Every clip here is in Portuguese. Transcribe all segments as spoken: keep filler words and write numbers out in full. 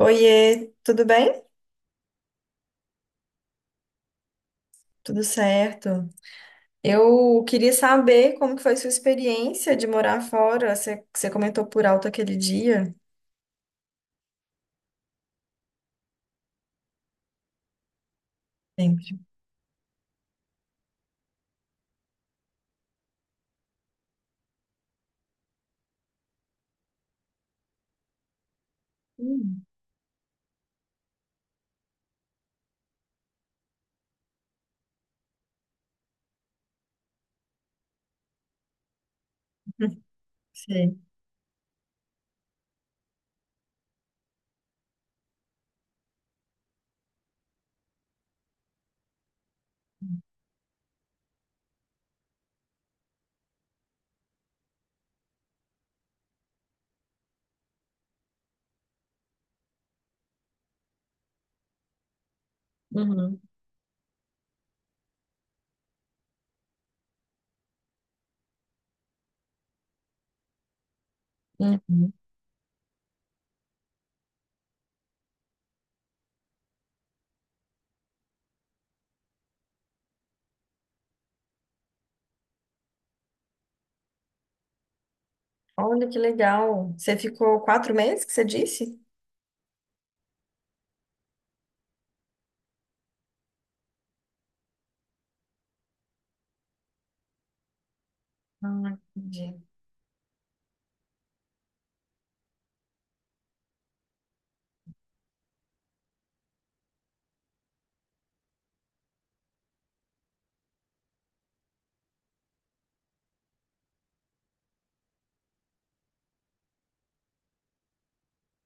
Oiê, tudo bem? Tudo certo. Eu queria saber como que foi sua experiência de morar fora. Você, você comentou por alto aquele dia. Sempre. Hum, Sei. Uhum, uhum. Olha que legal. Você ficou quatro meses que você disse? Ah, entendi.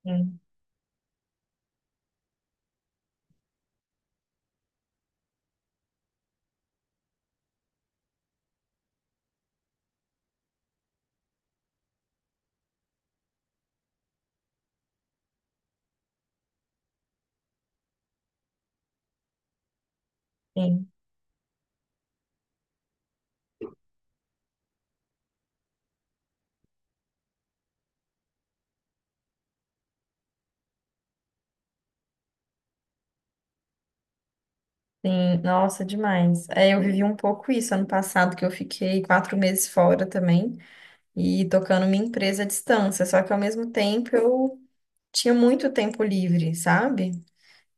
Sim, sim, sim. Nossa, demais. É, eu vivi um pouco isso ano passado, que eu fiquei quatro meses fora também e tocando minha empresa à distância. Só que ao mesmo tempo eu tinha muito tempo livre, sabe?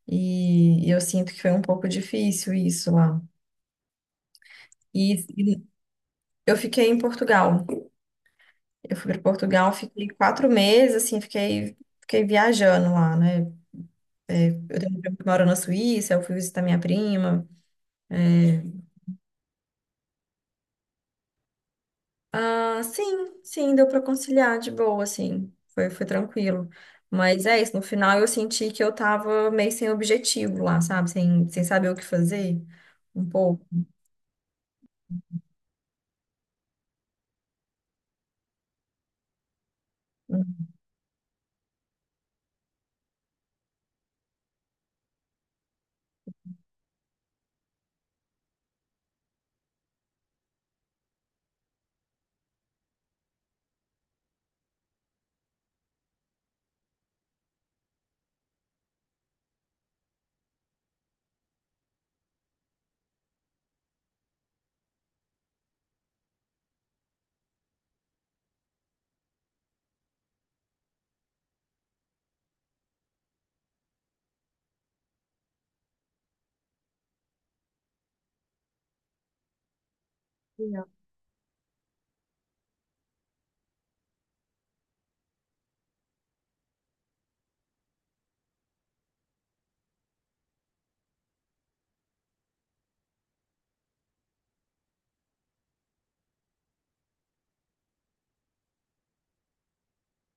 E, e eu sinto que foi um pouco difícil isso lá. E, e eu fiquei em Portugal. Eu fui para Portugal, fiquei quatro meses, assim, fiquei, fiquei viajando lá, né? É, eu tenho um primo que mora na Suíça, eu fui visitar minha prima. É, ah, sim, sim, deu para conciliar de boa, assim, foi, foi tranquilo. Mas é isso, no final eu senti que eu tava meio sem objetivo lá, sabe? Sem, sem saber o que fazer, um pouco.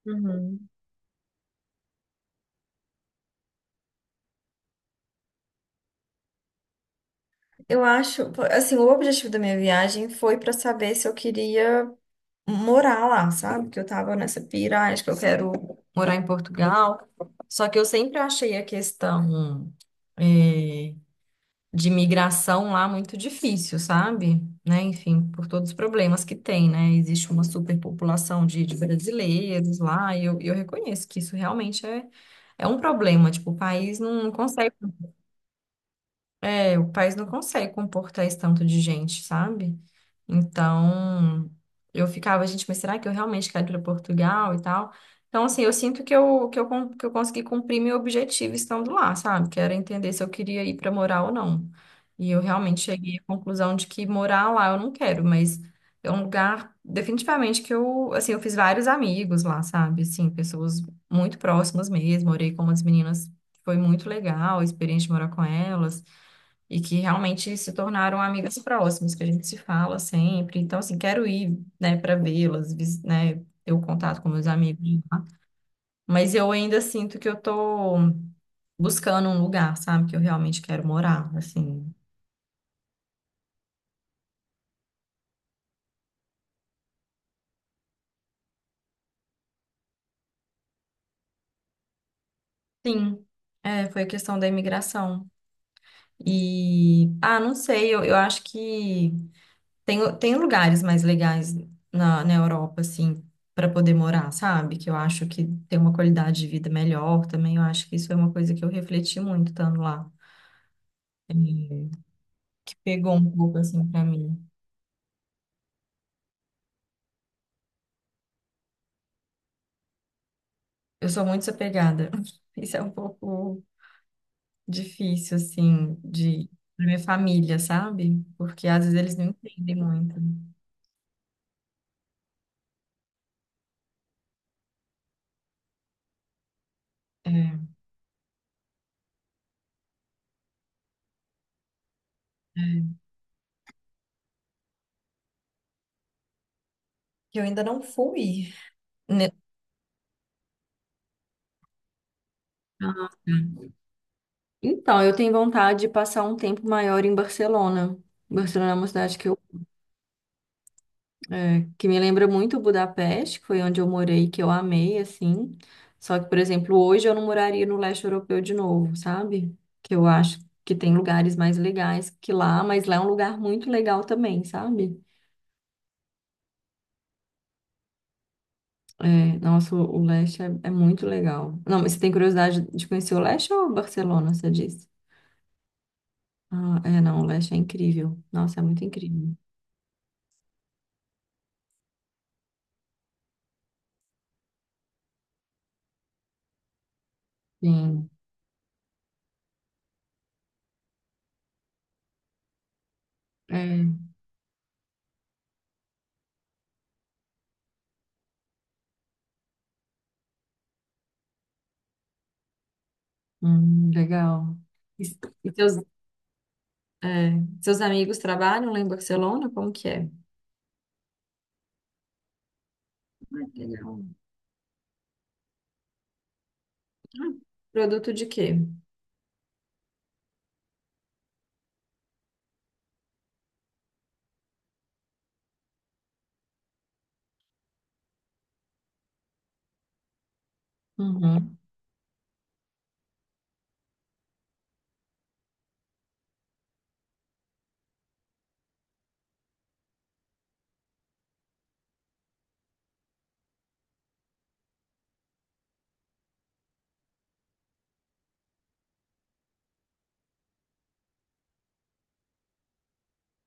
Uhum. Eu acho, pô, assim, o objetivo da minha viagem foi para saber se eu queria morar lá, sabe? Que eu tava nessa pira, ah, acho que eu quero morar em Portugal. Só que eu sempre achei a questão eh, de migração lá muito difícil, sabe? Né? Enfim, por todos os problemas que tem, né? Existe uma superpopulação de, de brasileiros lá, e eu, eu reconheço que isso realmente é, é um problema. Tipo, o país não consegue. É, o país não consegue comportar esse tanto de gente, sabe? Então, eu ficava, gente, mas será que eu realmente quero ir para Portugal e tal? Então, assim, eu sinto que eu, que eu, con- que eu consegui cumprir meu objetivo estando lá, sabe? Que era entender se eu queria ir para morar ou não. E eu realmente cheguei à conclusão de que morar lá eu não quero, mas é um lugar, definitivamente, que eu, assim, eu fiz vários amigos lá, sabe? Assim, pessoas muito próximas mesmo, morei com umas meninas, foi muito legal a experiência de morar com elas e que realmente se tornaram amigas próximas, que a gente se fala sempre. Então, assim, quero ir, né, para vê-las, vis- né, ter o contato com meus amigos lá. Mas eu ainda sinto que eu tô buscando um lugar, sabe, que eu realmente quero morar, assim. Sim, é, foi questão da imigração. E, ah, não sei, eu, eu acho que tem, tem lugares mais legais na, na Europa, assim, para poder morar, sabe? Que eu acho que tem uma qualidade de vida melhor também. Eu acho que isso é uma coisa que eu refleti muito estando lá, eh, que pegou um pouco, assim, para mim. Eu sou muito desapegada. Isso é um pouco difícil, assim, de pra minha família, sabe? Porque às vezes eles não entendem muito. É, é. Que eu ainda não fui. Né? Nossa. Então, eu tenho vontade de passar um tempo maior em Barcelona. Barcelona é uma cidade que, eu, é, que me lembra muito Budapeste, que foi onde eu morei, que eu amei, assim. Só que, por exemplo, hoje eu não moraria no leste europeu de novo, sabe? Que eu acho que tem lugares mais legais que lá, mas lá é um lugar muito legal também, sabe? É, nossa, o o leste é, é muito legal. Não, mas você tem curiosidade de conhecer o leste ou Barcelona, você disse? Ah, é, não, o leste é incrível. Nossa, é muito incrível. Sim. É. Hum, legal. E, e seus, é, seus amigos trabalham lá em Barcelona? Como que é? Ah, que legal. Ah, produto de quê? Uhum,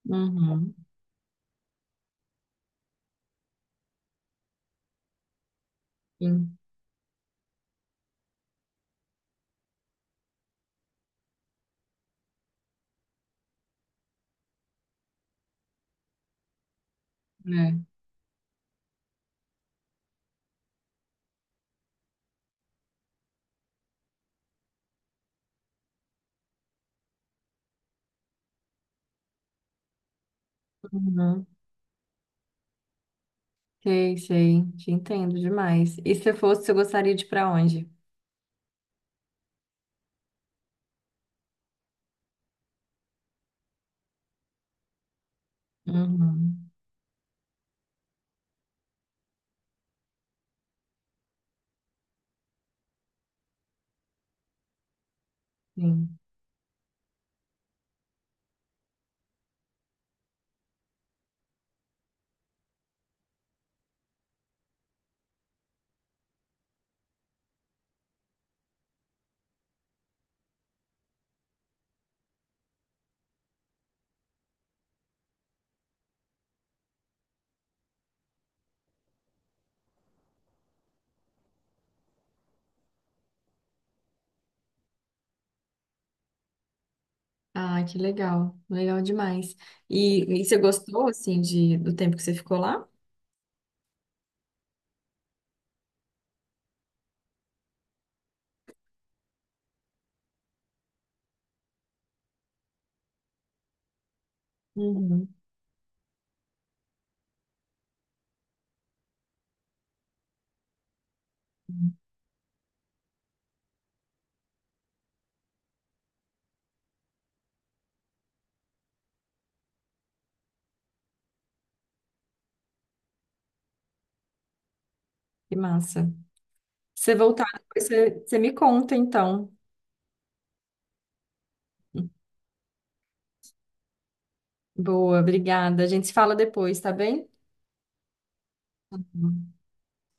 uhum, sim, né? Uhum. Sei, sei. Te entendo demais. E se fosse, você gostaria de ir para onde? Uhum, sim. Ah, que legal. Legal demais. E, e você gostou, assim, de, do tempo que você ficou lá? Uhum, que massa. Você voltar, depois você, você me conta, então. Boa, obrigada. A gente se fala depois, tá bem?